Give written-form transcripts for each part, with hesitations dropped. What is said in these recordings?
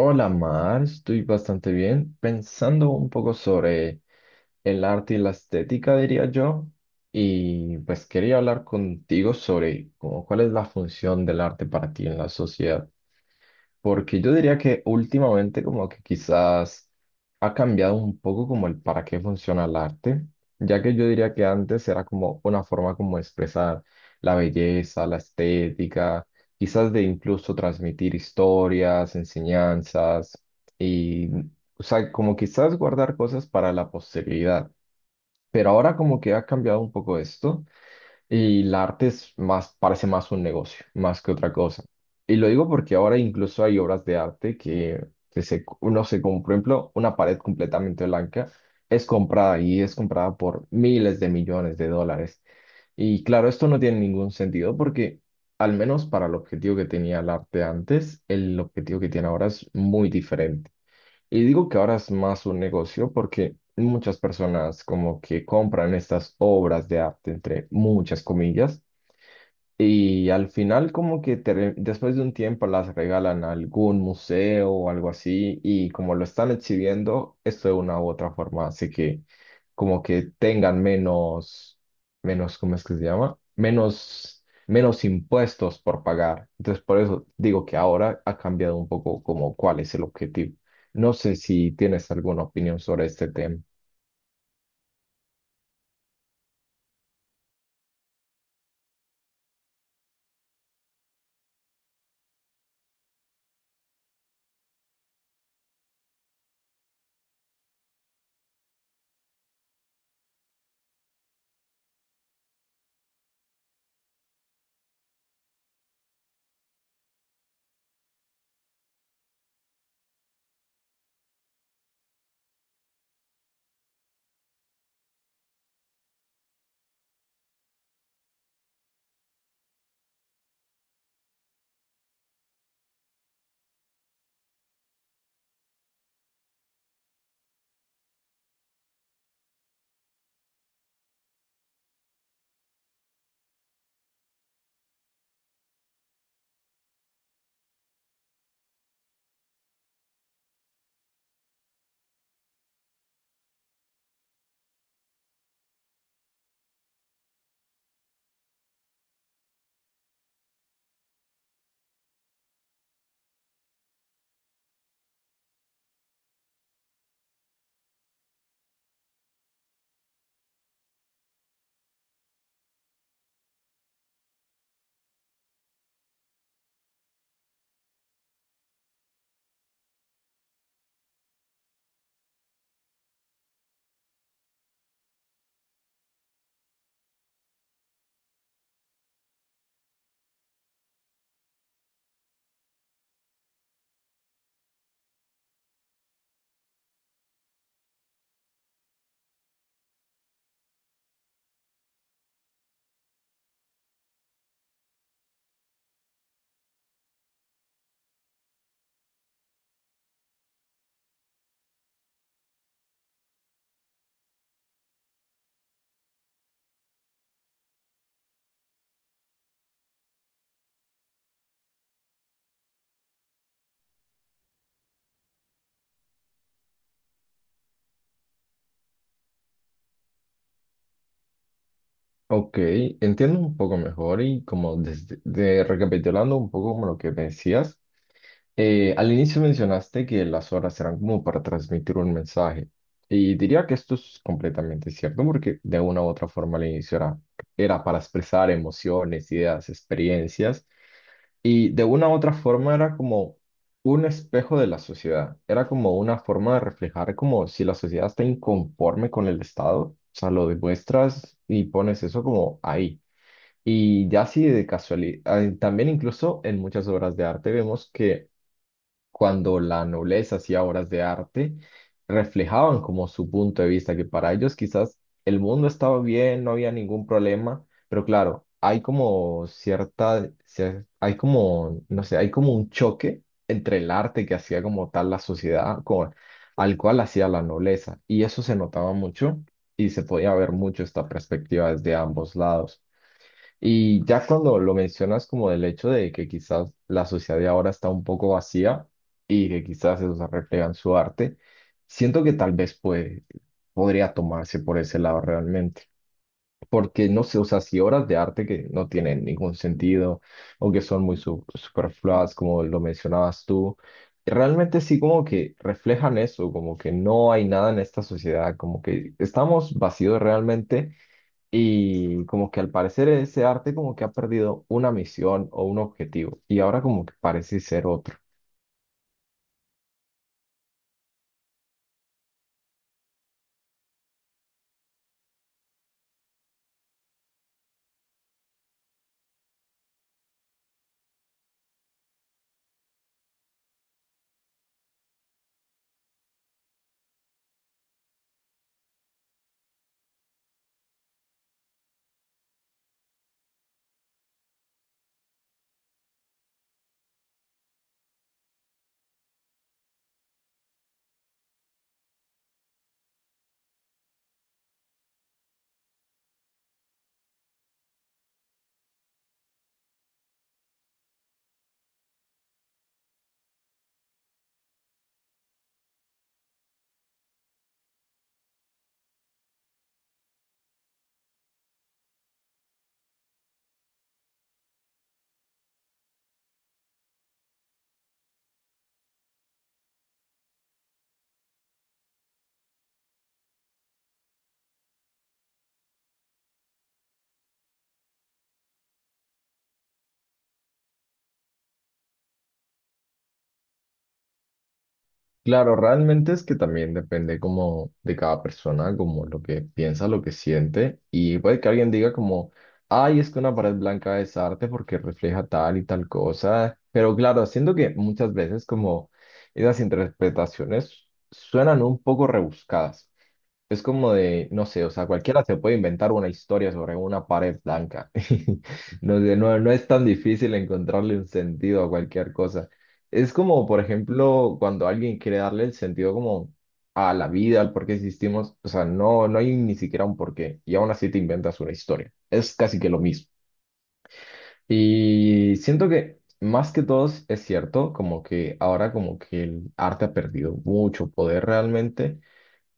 Hola Mar, estoy bastante bien, pensando un poco sobre el arte y la estética, diría yo, y pues quería hablar contigo sobre cuál es la función del arte para ti en la sociedad. Porque yo diría que últimamente como que quizás ha cambiado un poco como el para qué funciona el arte, ya que yo diría que antes era como una forma como de expresar la belleza, la estética, quizás de incluso transmitir historias, enseñanzas y, o sea, como quizás guardar cosas para la posteridad. Pero ahora como que ha cambiado un poco esto y el arte es más, parece más un negocio, más que otra cosa. Y lo digo porque ahora incluso hay obras de arte uno se compra, por ejemplo, una pared completamente blanca es comprada y es comprada por miles de millones de dólares. Y claro, esto no tiene ningún sentido porque, al menos para el objetivo que tenía el arte antes, el objetivo que tiene ahora es muy diferente. Y digo que ahora es más un negocio porque muchas personas como que compran estas obras de arte, entre muchas comillas, y al final como que después de un tiempo las regalan a algún museo o algo así y como lo están exhibiendo, esto de una u otra forma hace que como que tengan menos, menos, ¿cómo es que se llama? Menos, menos impuestos por pagar. Entonces por eso digo que ahora ha cambiado un poco como cuál es el objetivo. No sé si tienes alguna opinión sobre este tema. Ok, entiendo un poco mejor y como recapitulando un poco como lo que me decías. Al inicio mencionaste que las horas eran como para transmitir un mensaje y diría que esto es completamente cierto porque de una u otra forma al inicio era para expresar emociones, ideas, experiencias y de una u otra forma era como un espejo de la sociedad, era como una forma de reflejar como si la sociedad está inconforme con el Estado, o sea, lo demuestras y pones eso como ahí. Y ya así de casualidad, también incluso en muchas obras de arte vemos que cuando la nobleza hacía obras de arte, reflejaban como su punto de vista, que para ellos quizás el mundo estaba bien, no había ningún problema, pero claro, hay como hay como, no sé, hay como un choque entre el arte que hacía como tal la sociedad con, al cual hacía la nobleza, y eso se notaba mucho y se podía ver mucho esta perspectiva desde ambos lados. Y ya cuando lo mencionas como del hecho de que quizás la sociedad de ahora está un poco vacía y que quizás eso se refleja en su arte, siento que podría tomarse por ese lado realmente. Porque no sé, o sea, si obras de arte que no tienen ningún sentido o que son muy superfluas, como lo mencionabas tú, realmente sí como que reflejan eso, como que no hay nada en esta sociedad, como que estamos vacíos realmente y como que al parecer ese arte como que ha perdido una misión o un objetivo y ahora como que parece ser otro. Claro, realmente es que también depende como de cada persona, como lo que piensa, lo que siente y puede que alguien diga como, ay, es que una pared blanca es arte porque refleja tal y tal cosa, pero claro, siento que muchas veces como esas interpretaciones suenan un poco rebuscadas. Es como de, no sé, o sea, cualquiera se puede inventar una historia sobre una pared blanca. No sé, no es tan difícil encontrarle un sentido a cualquier cosa. Es como, por ejemplo, cuando alguien quiere darle el sentido como a la vida, al por qué existimos, o sea, no hay ni siquiera un porqué y aún así te inventas una historia. Es casi que lo mismo. Y siento que más que todos es cierto, como que ahora como que el arte ha perdido mucho poder realmente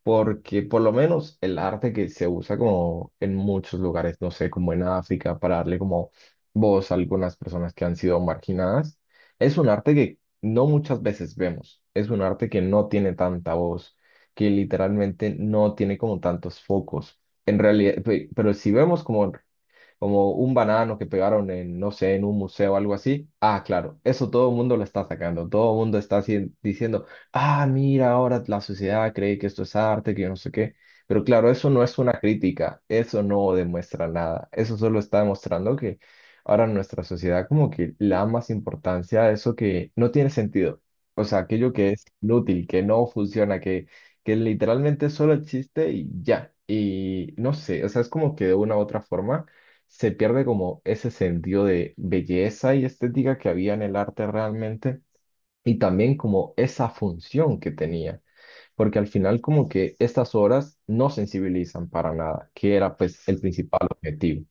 porque por lo menos el arte que se usa como en muchos lugares, no sé, como en África, para darle como voz a algunas personas que han sido marginadas, es un arte que no muchas veces vemos, es un arte que no tiene tanta voz, que literalmente no tiene como tantos focos. En realidad, pero si vemos como como un banano que pegaron en, no sé, en un museo o algo así. Ah, claro, eso todo el mundo lo está sacando, todo el mundo está así diciendo, ah, mira, ahora la sociedad cree que esto es arte, que yo no sé qué. Pero claro, eso no es una crítica, eso no demuestra nada, eso solo está demostrando que ahora nuestra sociedad como que le da más importancia a eso que no tiene sentido, o sea, aquello que es inútil, que no funciona, que literalmente solo existe y ya. Y no sé, o sea, es como que de una u otra forma se pierde como ese sentido de belleza y estética que había en el arte realmente y también como esa función que tenía, porque al final como que estas obras no sensibilizan para nada, que era pues el principal objetivo.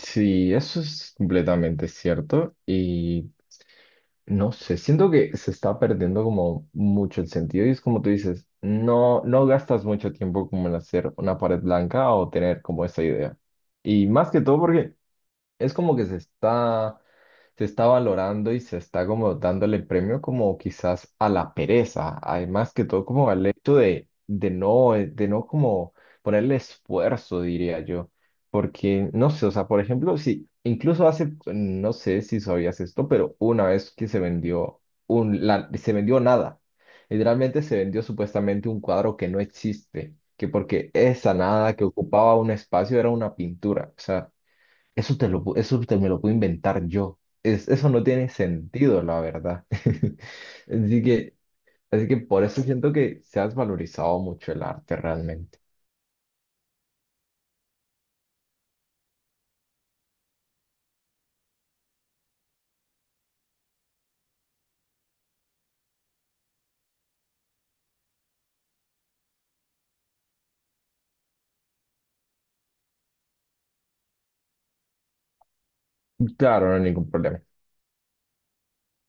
Sí, eso es completamente cierto y no sé, siento que se está perdiendo como mucho el sentido y es como tú dices, no gastas mucho tiempo como en hacer una pared blanca o tener como esa idea. Y más que todo porque es como que se está valorando y se está como dándole premio como quizás a la pereza, además que todo como al hecho de, de no como ponerle esfuerzo, diría yo, porque no sé, o sea, por ejemplo, si incluso hace, no sé si sabías esto, pero una vez que se vendió se vendió nada, literalmente se vendió supuestamente un cuadro que no existe, que porque esa nada que ocupaba un espacio era una pintura, o sea. Eso te me lo puedo inventar yo. Eso no tiene sentido, la verdad. Así que, así que por eso siento que se has valorizado mucho el arte realmente. Claro, no hay ningún problema.